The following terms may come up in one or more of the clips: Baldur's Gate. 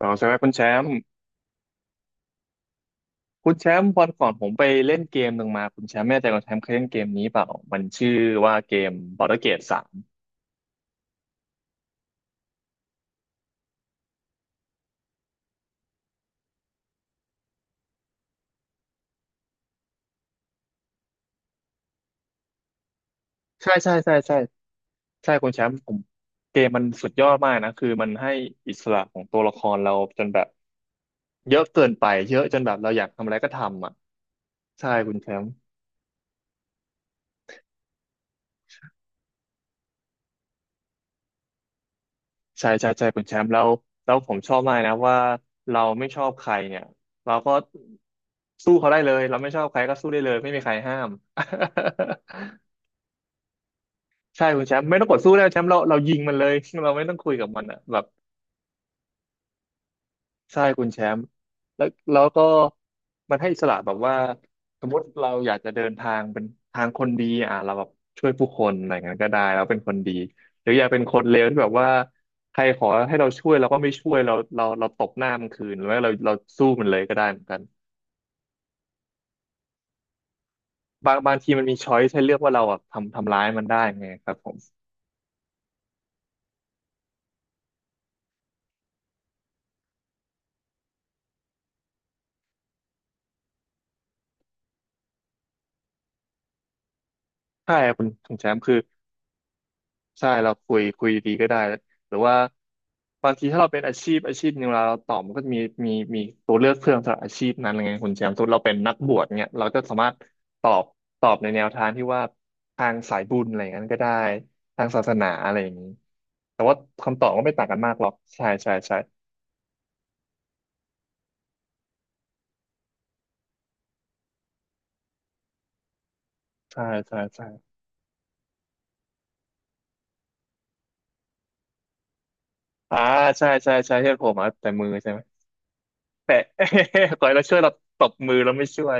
อ๋อใช่ไหมคุณแชมป์คุณแชมป์วันก่อนผมไปเล่นเกมหนึ่งมาคุณแชมป์ไม่แน่ใจคุณแชมป์เคยเล่นเกมนี้เปล่ามันชื่อว่าเกม Baldur's Gate สามใช่ใช่ใช่ใช่ใช่คุณแชมป์ผมเกมมันสุดยอดมากนะคือมันให้อิสระของตัวละครเราจนแบบเยอะเกินไปเยอะจนแบบเราอยากทำอะไรก็ทำอ่ะใช่คุณแชมป์ใช่ใช่ใช่คุณแชมป์แล้วผมชอบมากนะว่าเราไม่ชอบใครเนี่ยเราก็สู้เขาได้เลยเราไม่ชอบใครก็สู้ได้เลยไม่มีใครห้าม ใช่คุณแชมป์ไม่ต้องกดสู้แล้วแชมป์เรายิงมันเลย เราไม่ต้องคุยกับมันอ่ะแบบใช่คุณแชมป์แล้วแล้วก็มันให้อิสระแบบว่าสมมติเราอยากจะเดินทางเป็นทางคนดีอ่ะเราแบบช่วยผู้คนอะไรอย่างนั้นก็ได้เราเป็นคนดีหรืออยากเป็นคนเลวที่แบบว่าใครขอให้เราช่วยเราก็ไม่ช่วยเราตบหน้ามันคืนหรือว่าเราสู้มันเลยก็ได้เหมือนกันบางบางทีมันมีช้อยให้เลือกว่าเราอ่ะทำทำร้ายมันได้ไงครับผมใช่ครับคุณแชมป์คือ ใช่เราคุยคุยดีก็ได้หรือว่าบางทีถ้าเราเป็นอาชีพอาชีพหนึ่งเราตอบมันก็จะมีตัวเลือกเพิ่มสำหรับอาชีพนั้นไงคุณแชมป์สมมติเราเป็นนักบวชเนี่ยเราก็สามารถตอบตอบในแนวทางที่ว่าทางสายบุญอะไรอย่างนั้นก็ได้ทางศาสนาอะไรอย่างนี้แต่ว่าคำตอบก็ไม่ต่างกันมากหรอกใช่ใช่ใช่ใช่ใช่ใช่อ่าใช่ใช่ใช่ที่ผมอ่ะแต่มือใช่ไหมแต่ ก่อนเราช่วยเราตบมือเราไม่ช่วย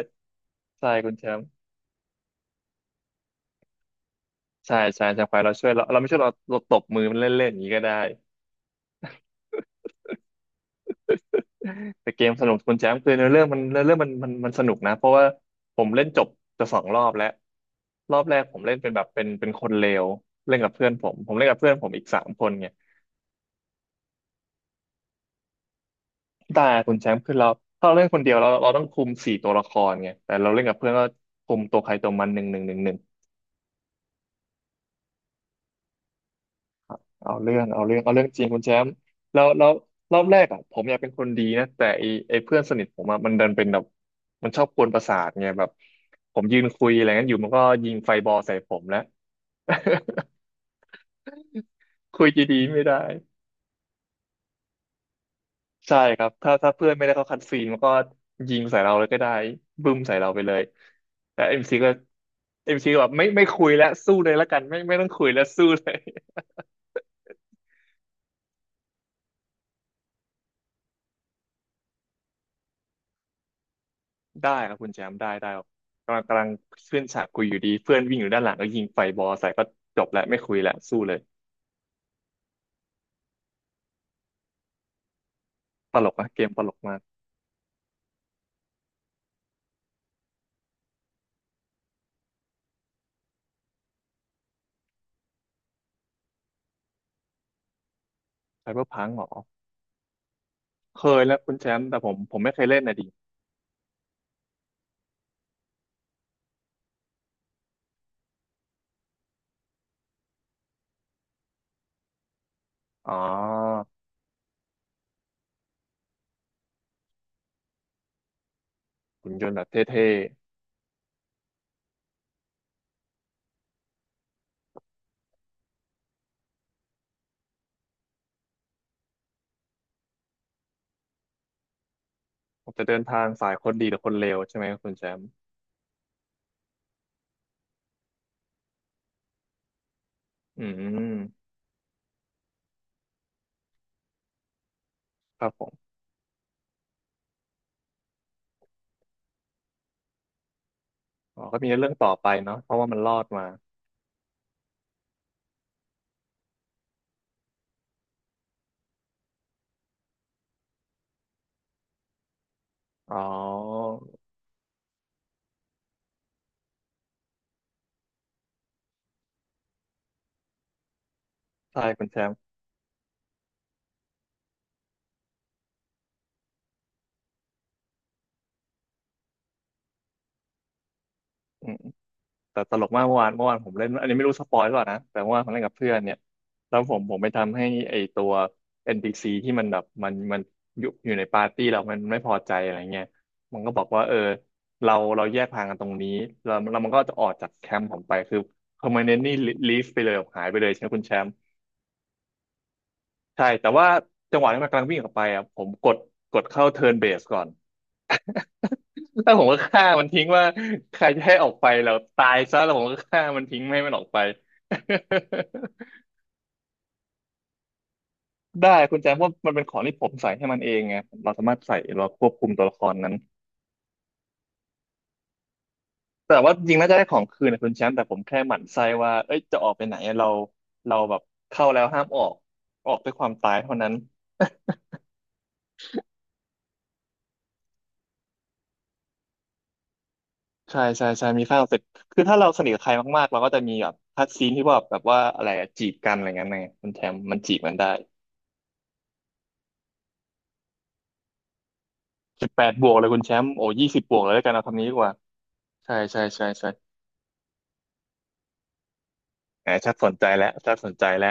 ใช่คุณแชมป์ ใช่ใช่ใช่ควายเราช่วยเราไม่ช่วยเราตบมือมันเล่นๆอย่างนี้ก็ได้แต่เกมสนุกคุณแจมป์คือเนื้อเรื่องมันเนื้อเรื่องมันสนุกนะเพราะว่าผมเล่นจบจะสองรอบแล้วรอบแรกผมเล่นเป็นแบบเป็นคนเลวเล่นกับเพื่อนผมผมเล่นกับเพื่อนผมอีกสามคนไงแต่คุณแชมป์คือเราถ้าเราเล่นคนเดียวเราต้องคุมสี่ตัวละครไงแต่เราเล่นกับเพื่อนก็คุมตัวใครตัวมันหนึ่งหนึ่งหนึ่ง เอาเรื่องเอาเรื่องเอาเรื่องจริงคุณแชมป์แล้วแล้วรอบแรกอ่ะผมอยากเป็นคนดีนะแต่ไอเพื่อนสนิทผมอ่ะมันดันเป็นแบบมันชอบกวนประสาทไงแบบผมยืนคุยอะไรงั้นอยู่มันก็ยิงไฟบอลใส่ผมแล้ว คุยดีๆไม่ได้ใช่ครับถ้าเพื่อนไม่ได้เข้าคัดซีนมันก็ยิงใส่เราเลยก็ได้บึ้มใส่เราไปเลยแต่เอ็มซีก็เอ็มซีแบบไม่คุยแล้วสู้เลยละกันไม่ต้องคุยแล้วสู้เลย ได้ครับคุณแชมป์ได้ได้ครับกำลังขึ้นฉากคุยอยู่ดีเพื่อนวิ่งอยู่ด้านหลังก็ยิงไฟบอลใส่ก็จบแล้วไม่คุยแล้วสู้เลยตลกนะเกมตลกมากไซเบอร์พังหรอเคยแล้วคุณแชมป์แต่ผมไม่เคยเล่นนะดิอ๋อหุ่นยนต์แบบเท่ๆผมจะเดินทางสายคนดีหรือคนเลวใช่ไหมครับคุณแชมป์อืมครับผมอ๋อก็มีเรื่องต่อไปเนาะเพราะว่ามันรอดมาอ๋อใช่คุณแชมป์ แต่ตลกมากเมื่อวานเมื่อวานผมเล่นอันนี้ไม่รู้สปอยหรือเปล่านะแต่เมื่อวานผมเล่นกับเพื่อนเนี่ยแล้วผมไปทำให้ไอตัว NPC ที่มันแบบมันอยู่ในปาร์ตี้เรามันไม่พอใจอะไรเงี้ยมันก็บอกว่าเออเราแยกทางกันตรงนี้แล้วแล้วมันก็จะออกจากแคมป์ผมไปคือ permanently leave ไปเลยหายไปเลยใช่ไหมคุณแชมป์ใช่แต่ว่าจังหวะที่มันกำลังวิ่งออกไปอ่ะผมกดกดเข้าเทิร์นเบสก่อน แล้วผมก็ฆ่ามันทิ้งว่าใครจะให้ออกไปแล้วตายซะแล้วผมก็ฆ่ามันทิ้งไม่ให้มันออกไป ได้คุณแจมเพราะมันเป็นของที่ผมใส่ให้มันเองไงเราสามารถใส่เราควบคุมตัวละครนั้นแต่ว่าจริงน่าจะได้ของคืนนะคุณแชมป์แต่ผมแค่หมั่นไส้ว่าเอ้ยจะออกไปไหนอะเราเราแบบเข้าแล้วห้ามออกออกด้วยความตายเท่านั้น ใช่ใช่ใช่มีค่าเสร็จคือถ้าเราสนิทกับใครมากๆเราก็จะมีแบบคัดซีนที่ว่าแบบว่าอะไรอะจีบกันอะไรเงี้ยไงคุณแชมป์มันจีบกันได้ 18บวกเลยคุณแชมป์โอ้20บวกเลยแล้วกันเอาคำนี้ดีกว่าใช่ใช่ใช่ใช่แหมชัดสนใจแล้วชัดสนใจแล้ว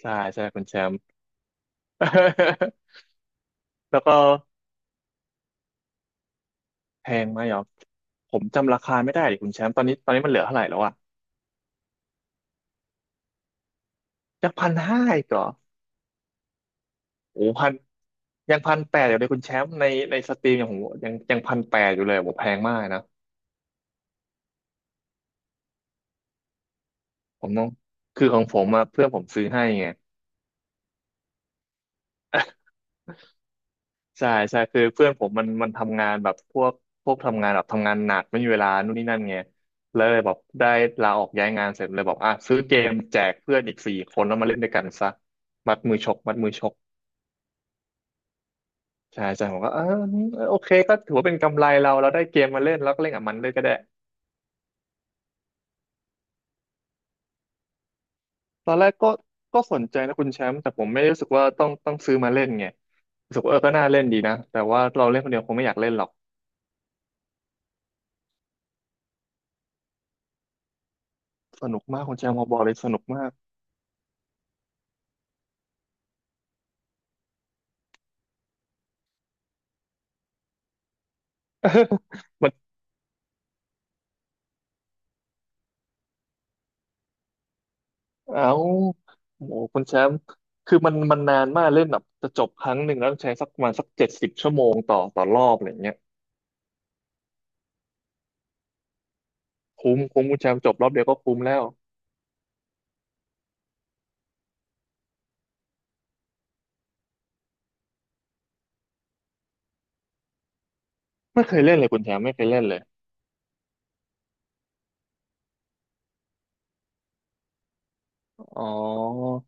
ใช่ใช่คุณแชมป์ แล้วก็แพงไหมอ๋อผมจำราคาไม่ได้ดิคุณแชมป์ตอนนี้มันเหลือเท่าไหร่แล้วอะจาก1,500อีกเหรอโอ้พันยังพันแปดอยู่เลยคุณแชมป์ในในสตรีมอย่างผมยังพันแปดอยู่เลยผมแพงมากนะผมต้องคือของผมอะเพื่อนผมซื้อให้ไง ใช่ใช่คือเพื่อนผมมันทำงานแบบพวกพวกทำงานแบบทำงานหนักไม่มีเวลานู่นนี่นั่นไงแล้วเลยแบบได้ลาออกย้ายงานเสร็จเลยบอกอ่ะซื้อเกมแจกเพื่อนอีก4 คนแล้วมาเล่นด้วยกันซะมัดมือชกมัดมือชกใช่ใช่ผมก็เออเออโอเคก็ถือว่าเป็นกำไรเราเราได้เกมมาเล่นแล้วก็เล่นกับมันเลยก็ได้ตอนแรกก็ก็สนใจนะคุณแชมป์แต่ผมไม่ได้รู้สึกว่าต้องซื้อมาเล่นไงรู้สึกว่าเออก็น่าเล่นดีนะแต่ว่าเราเล่นคนเดียวคงไม่อยากเล่นหรอกสนุกมากคุณแชมป์พอบอกเลยสนุกมาก เอาโอ้โหคุณแชมป์คือมันนานมากเล่นแบบจะจบครั้งหนึ่งแล้วต้องใช้สักประมาณสัก70 ชั่วโมงต่อรอบอะไรเงี้ยคุ้มคุ้มคุณแชมป์จบรอบเดียวก็คุ้มแล้ว ไม่เคยเล่นเลยคุณแชมป์ไม่เคยเล่นเลย อ๋อ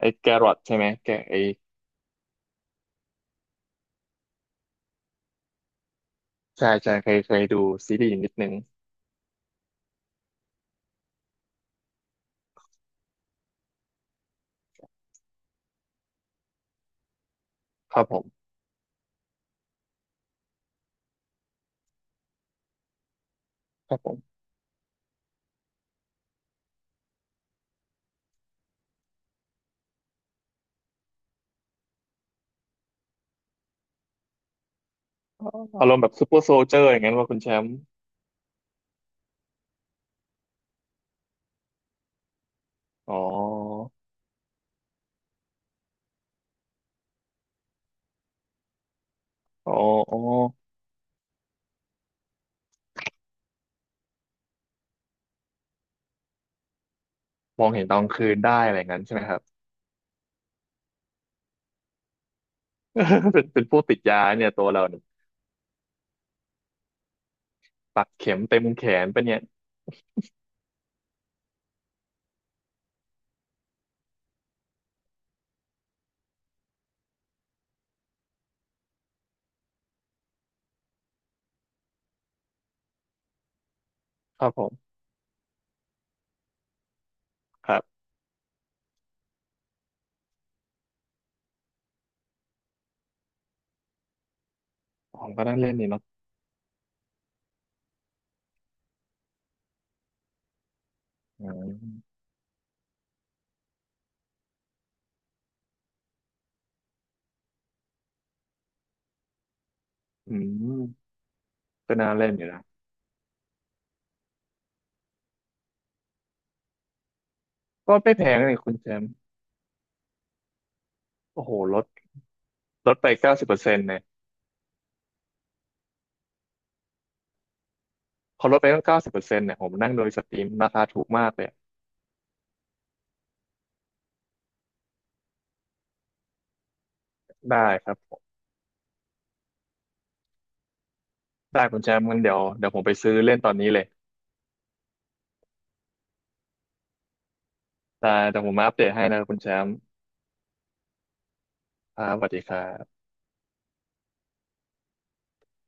ไอ้แกรอทใช่ไหมแกไอ้ใช่ใช่เคยดูซีรีส์อยนิดนึง ครับผม ครับผมอ๋ออารมณ์แบบซูเปอร์โซลเจอร์อย่างนั้นว่าคุณแชมป์อ๋อ อ๋อ อ๋อ มองเห็นตอนคืนได้อะไรอย่างนั้นใช่ไหมครับ เป็นผู้ติดยาเนี่ยตัวเราเนี่ยปักเข็มเต็มแขนปะเนี่ย ครับผมครับ ผมก็นั่งเล่นนี่เนาะอืมอืมก็น่าเล่นอยู่นะ ก็ไม่แพงเลยคุณแชมป์โอ้โห ลดไปเก้าสิบเปอร์เซ็นต์เนี่ยพอลดไปตั้งเก้าสิบเปอร์เซ็นต์เนี่ยผมนั่งโดยสตรีมราคาถูกมากเลยได้ครับผมได้คุณแชมป์งั้นเดี๋ยวผมไปซื้อเล่นตอนนี้เลยได้เดี๋ยวผมมาอัปเดตให้นะครับคุณแชมป์ครับสวัสดีครับ